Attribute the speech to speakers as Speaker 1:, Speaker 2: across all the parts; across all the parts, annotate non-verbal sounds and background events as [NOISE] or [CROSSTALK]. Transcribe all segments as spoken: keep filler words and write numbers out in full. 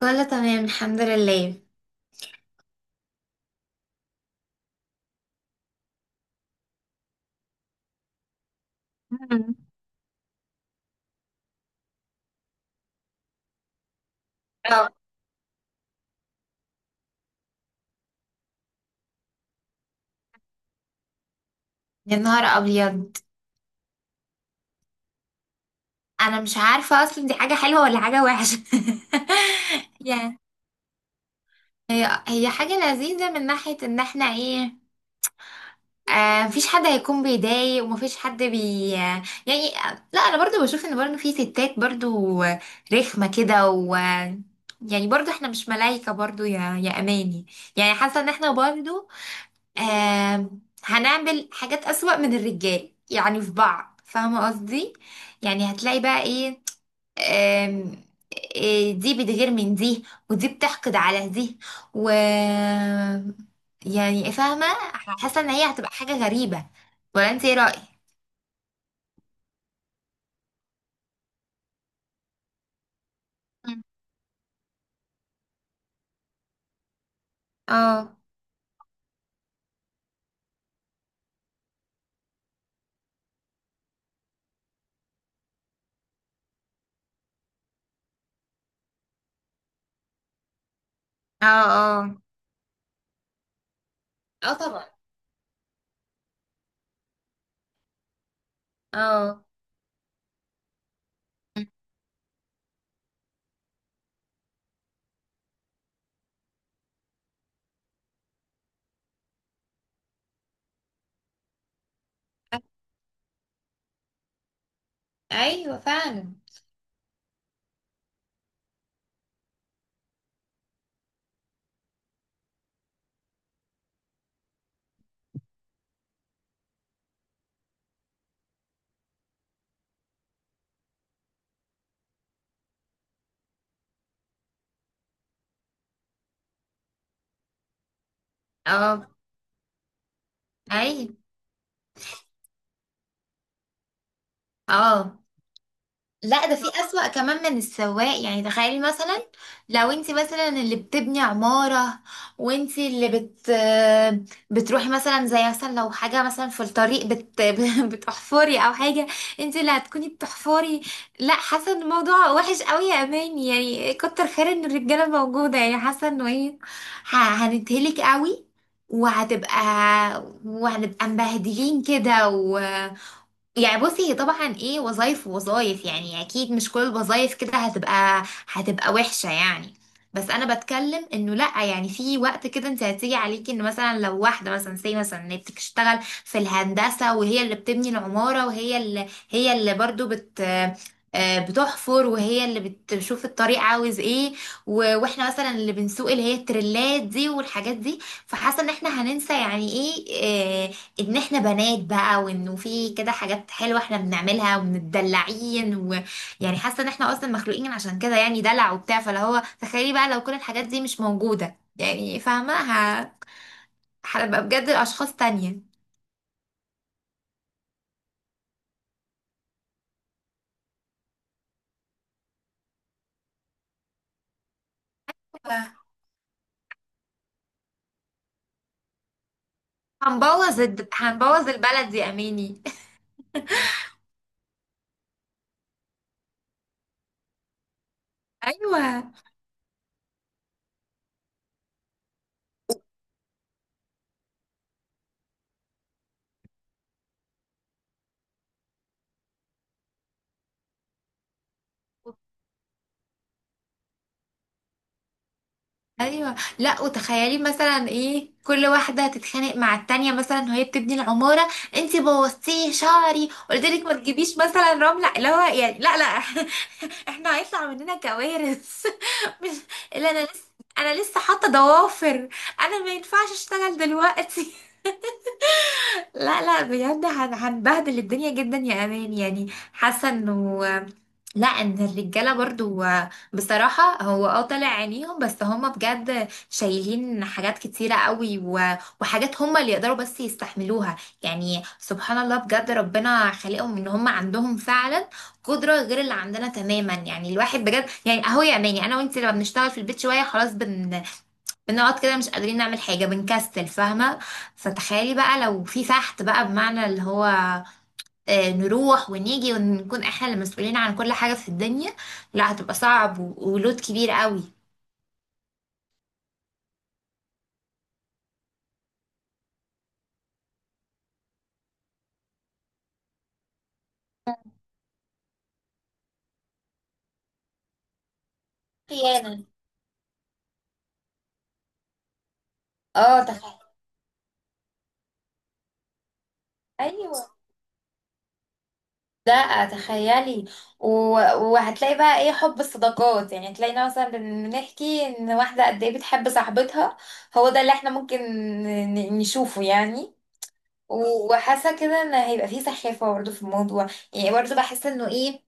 Speaker 1: كله تمام الحمد لله. مم. أو. يا نهار ابيض. انا مش عارفه اصلا دي حاجه حلوه ولا حاجه وحشه، [LAUGHS] يعني. هي هي حاجه لذيذه من ناحيه ان احنا ايه. آه مفيش حد هيكون بيضايق، ومفيش حد بي آه، يعني آه، لا، انا برضو بشوف ان برضو في ستات برضو آه، رخمه كده، و آه، يعني برضو احنا مش ملايكه برضو يا يا اماني. يعني حاسه ان احنا برضو آم، هنعمل حاجات أسوأ من الرجال، يعني في بعض، فاهمة قصدي. يعني هتلاقي بقى ايه آم، إيه دي بتغير من دي، ودي بتحقد على دي، و يعني فاهمة. حاسة ان هي هتبقى حاجة غريبة، ولا انت ايه رأيك؟ مم. اه اه. اه اه طبعا. اه. مم. ايوه فعلا. اه ايوه اه. لا ده في أسوأ كمان من السواق، يعني تخيلي مثلا لو انت مثلا اللي بتبني عمارة، وانت اللي بت بتروحي مثلا، زي مثلا لو حاجة مثلا في الطريق بت [LAUGHS] بتحفري او حاجة. انت اللي هتكوني بتحفري. لا حاسة ان الموضوع وحش قوي يا اماني، يعني كتر خير ان الرجالة موجودة، يعني حاسة انه ايه، ه- هنتهلك قوي، وهتبقى وهنبقى مبهدلين كده. يعني بصي هي طبعا ايه وظايف ووظايف، يعني اكيد مش كل الوظايف كده هتبقى هتبقى وحشة يعني. بس انا بتكلم انه لا، يعني في وقت كده انت هتيجي عليكي ان مثلا لو واحدة مثلا، سي مثلا، إن هي بتشتغل في الهندسة، وهي اللي بتبني العمارة، وهي اللي هي اللي برضو بت آه، بتحفر، وهي اللي بتشوف الطريق عاوز ايه، و- واحنا مثلا اللي بنسوق، اللي هي التريلات دي والحاجات دي. فحاسه ان احنا هننسى يعني ايه، آه، ان احنا بنات بقى، وانه في كده حاجات حلوه احنا بنعملها ومتدلعين، ويعني حاسه ان احنا اصلا مخلوقين عشان كده، يعني دلع وبتاع، فاللي هو تخيلي بقى لو كل الحاجات دي مش موجوده، يعني فاهمه ه- هنبقى بجد اشخاص تانية. ف- هنبوظ الد... هنبوظ البلد يا اميني. [LAUGHS] ايوه ايوه. لا وتخيلي مثلا ايه كل واحده تتخانق مع التانية، مثلا وهي بتبني العماره: انتي بوظتيه شعري، قلت لك ما تجيبيش مثلا رمله اللي هو، يعني لا لا [LAUGHS] احنا هيطلع مننا كوارث [LAUGHS] مش اللي انا لسه انا لسه حاطه ضوافر. انا ما ينفعش اشتغل دلوقتي. لا لا بجد هن- هنبهدل الدنيا جدا يا امان يعني. حاسه انه، لا ان الرجاله برضو بصراحه، هو اه طالع عينيهم، بس هما بجد شايلين حاجات كتيره قوي، و- وحاجات هما اللي يقدروا بس يستحملوها. يعني سبحان الله، بجد ربنا خلقهم ان هما عندهم فعلا قدره غير اللي عندنا تماما. يعني الواحد بجد، يعني اهو يا اماني، انا وانت لما بنشتغل في البيت شويه خلاص بن بنقعد كده مش قادرين نعمل حاجة، بنكسل، فاهمة. فتخيلي بقى لو في فحت بقى، بمعنى اللي هو آه، نروح ونيجي، ونكون احنا اللي مسؤولين عن كل حاجة في الدنيا. لا هتبقى صعب، و- ولود كبير قوي. خيانة. اه تخيل. ايوه لا تخيلي، و... وهتلاقي بقى ايه حب الصداقات، يعني تلاقينا مثلا بن- بنحكي ان واحدة قد ايه بتحب صاحبتها. هو ده اللي احنا ممكن ن- نشوفه يعني. و- وحاسه كده ان هيبقى فيه سخافه برضه في الموضوع، يعني برضه بحس انه ايه،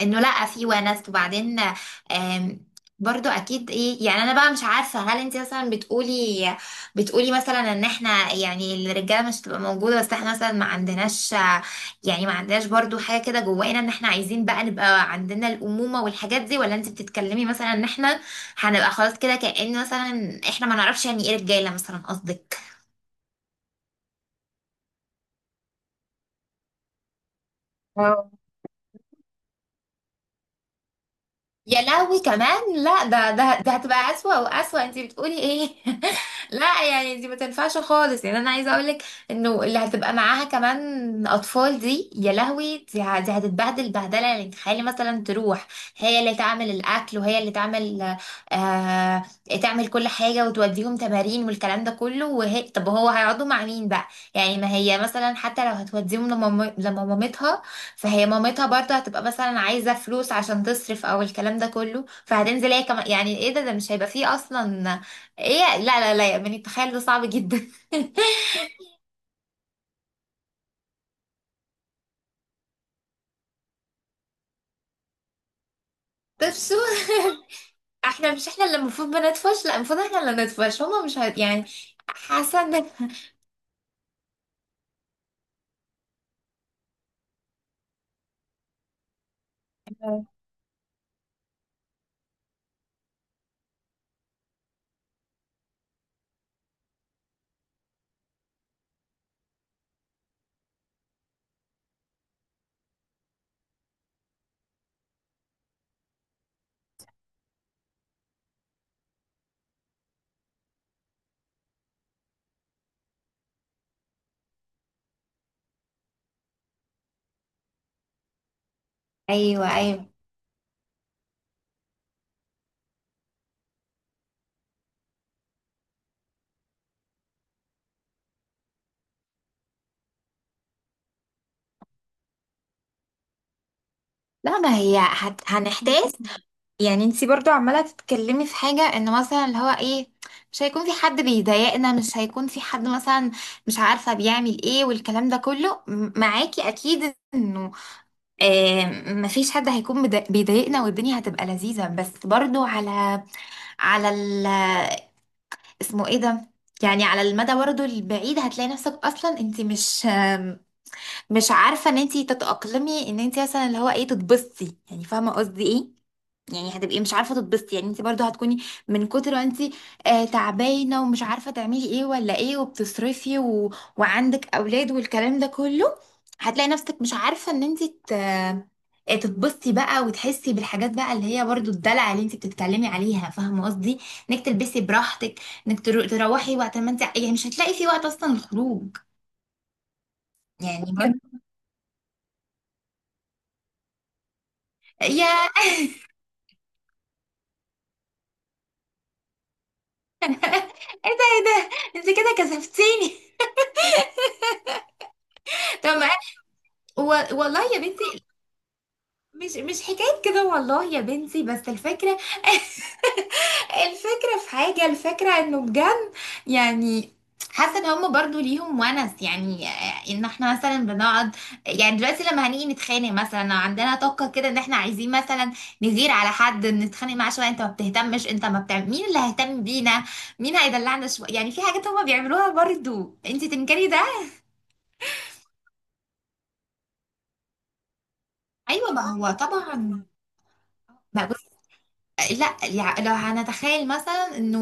Speaker 1: انه لا في ونس، وبعدين آم، برضو اكيد ايه. يعني انا بقى مش عارفه، هل انت مثلا بتقولي بتقولي مثلا ان احنا يعني الرجاله مش هتبقى موجوده، بس احنا مثلا ما عندناش، يعني ما عندناش برضو حاجه كده جوانا ان احنا عايزين بقى نبقى عندنا الامومه والحاجات دي، ولا انت بتتكلمي مثلا ان احنا هنبقى خلاص كده كأن مثلا احنا ما نعرفش يعني ايه رجاله مثلا قصدك؟ يا لهوي كمان، لا ده ده ده هتبقى أسوأ وأسوأ، انت بتقولي ايه؟ [LAUGHS] لا يعني دي ما تنفعش خالص، يعني انا عايزه اقولك انه اللي هتبقى معاها كمان اطفال دي يا لهوي، دي, ه- دي هتتبهدل بهدله، يعني تخيلي مثلا تروح هي اللي تعمل الاكل، وهي اللي تعمل آه تعمل كل حاجه، وتوديهم تمارين والكلام ده كله، وهي طب هو هيقعدوا مع مين بقى؟ يعني ما هي مثلا حتى لو هتوديهم لمام- لمامتها، فهي مامتها برضه هتبقى مثلا عايزة فلوس عشان تصرف او الكلام ده كله، فهتنزل هي كمان، يعني ايه، ده ده مش هيبقى فيه اصلا. ايه لا لا لا، يعني تخيل ده صعب جدا [LAUGHS] طب شو [LAUGHS] احنا مش احنا اللي المفروض بندفش، لا المفروض احنا اللي ندفش، هما مش هت... يعني. حسن. ايوه ايوه. لا ما هي هت... هنحتاج، يعني انتي برضو عمالة تتكلمي في حاجة ان مثلا اللي هو ايه، مش هيكون في حد بيضايقنا، مش هيكون في حد مثلا مش عارفة بيعمل ايه والكلام ده كله، م- معاكي اكيد انه آه مفيش حد هيكون بدا- بيضايقنا، والدنيا هتبقى لذيذة. بس برضو على على ال اسمه ايه ده، يعني على المدى برضو البعيد هتلاقي نفسك اصلا انتي مش آم، مش عارفة ان انتي تتأقلمي ان انتي مثلا اللي هو ايه تتبسطي، يعني فاهمة قصدي ايه. يعني هتبقي مش عارفه تتبسطي، يعني انت برضو هتكوني من كتر ما انت آه تعبانه ومش عارفه تعملي ايه ولا ايه، وبتصرفي، و... وعندك اولاد والكلام ده كله. هتلاقي نفسك مش عارفه ان انت ت... آه، تتبسطي بقى، وتحسي بالحاجات بقى اللي هي برضو الدلع اللي انت بتتكلمي عليها، فاهمه قصدي؟ انك تلبسي براحتك، انك ترو... تروحي وقت ما انت، يعني مش هتلاقي في وقت اصلا الخروج. يعني [LAUGHS] برضو يا، ايه ده ايه ده، انت كده كسفتيني. [LAUGHS] طب ما- و... والله يا بنتي، مش مش حكاية كده والله يا بنتي، بس الفكرة. [LAUGHS] الفكرة في حاجة، الفكرة انه بجد، يعني حاسة ان هم برضو ليهم ونس، يعني آه، ان احنا مثلا بنقعد. يعني دلوقتي لما هنيجي نتخانق مثلا لو عندنا طاقة كده ان احنا عايزين مثلا نغير على حد، نتخانق معاه شوية، انت ما بتهتمش، انت ما بتعمل، مين اللي هيهتم بينا؟ مين هيدلعنا شوية؟ يعني في حاجات هم بيعملوها برضو، انت تنكري ده. ايوه ما هو طبعا. ما لا يع- لو هنتخيل مثلا انه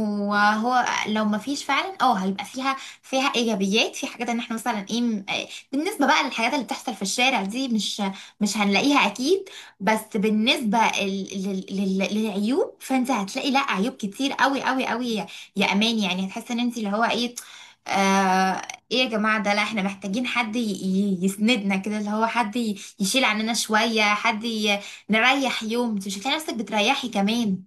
Speaker 1: هو لو ما فيش فعلا، اه هيبقى فيها فيها ايجابيات في حاجات، ان احنا مثلا ايه م- آه، بالنسبه بقى للحاجات اللي بتحصل في الشارع دي، مش مش هنلاقيها اكيد. بس بالنسبه ال- لل- لل- للعيوب، فانت هتلاقي لا عيوب كتير قوي قوي قوي، يا يا امان يعني. هتحس ان انت اللي هو ايه آه ايه يا جماعه ده، لا احنا محتاجين حد ي- ي- يسندنا كده، اللي هو حد ي- يشيل عننا شويه، حد نريح يوم، انت مش هتلاقي نفسك بتريحي كمان.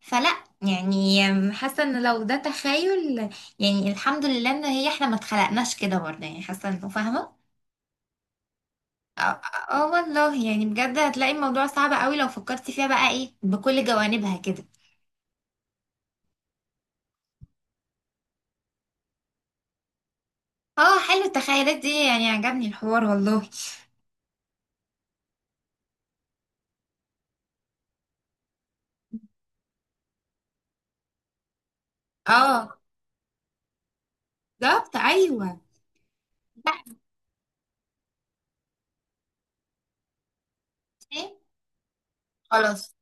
Speaker 1: فلا يعني، حاسه ان لو ده تخيل، يعني الحمد لله ان هي احنا ما اتخلقناش كده برضه، يعني حاسه انه، فاهمه. اه. آه والله، يعني بجد هتلاقي الموضوع صعب قوي لو فكرتي فيها بقى ايه بكل جوانبها كده. اه حلو التخيلات دي، يعني عجبني الحوار والله. اه بالظبط ايوه. لا. إيه؟ خلاص.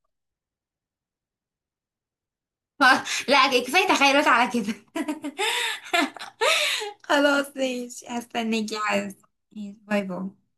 Speaker 1: [LAUGHS] لا كفايه تخيلات على كده [LAUGHS] خلاص ماشي هستناكي عايز. باي باي.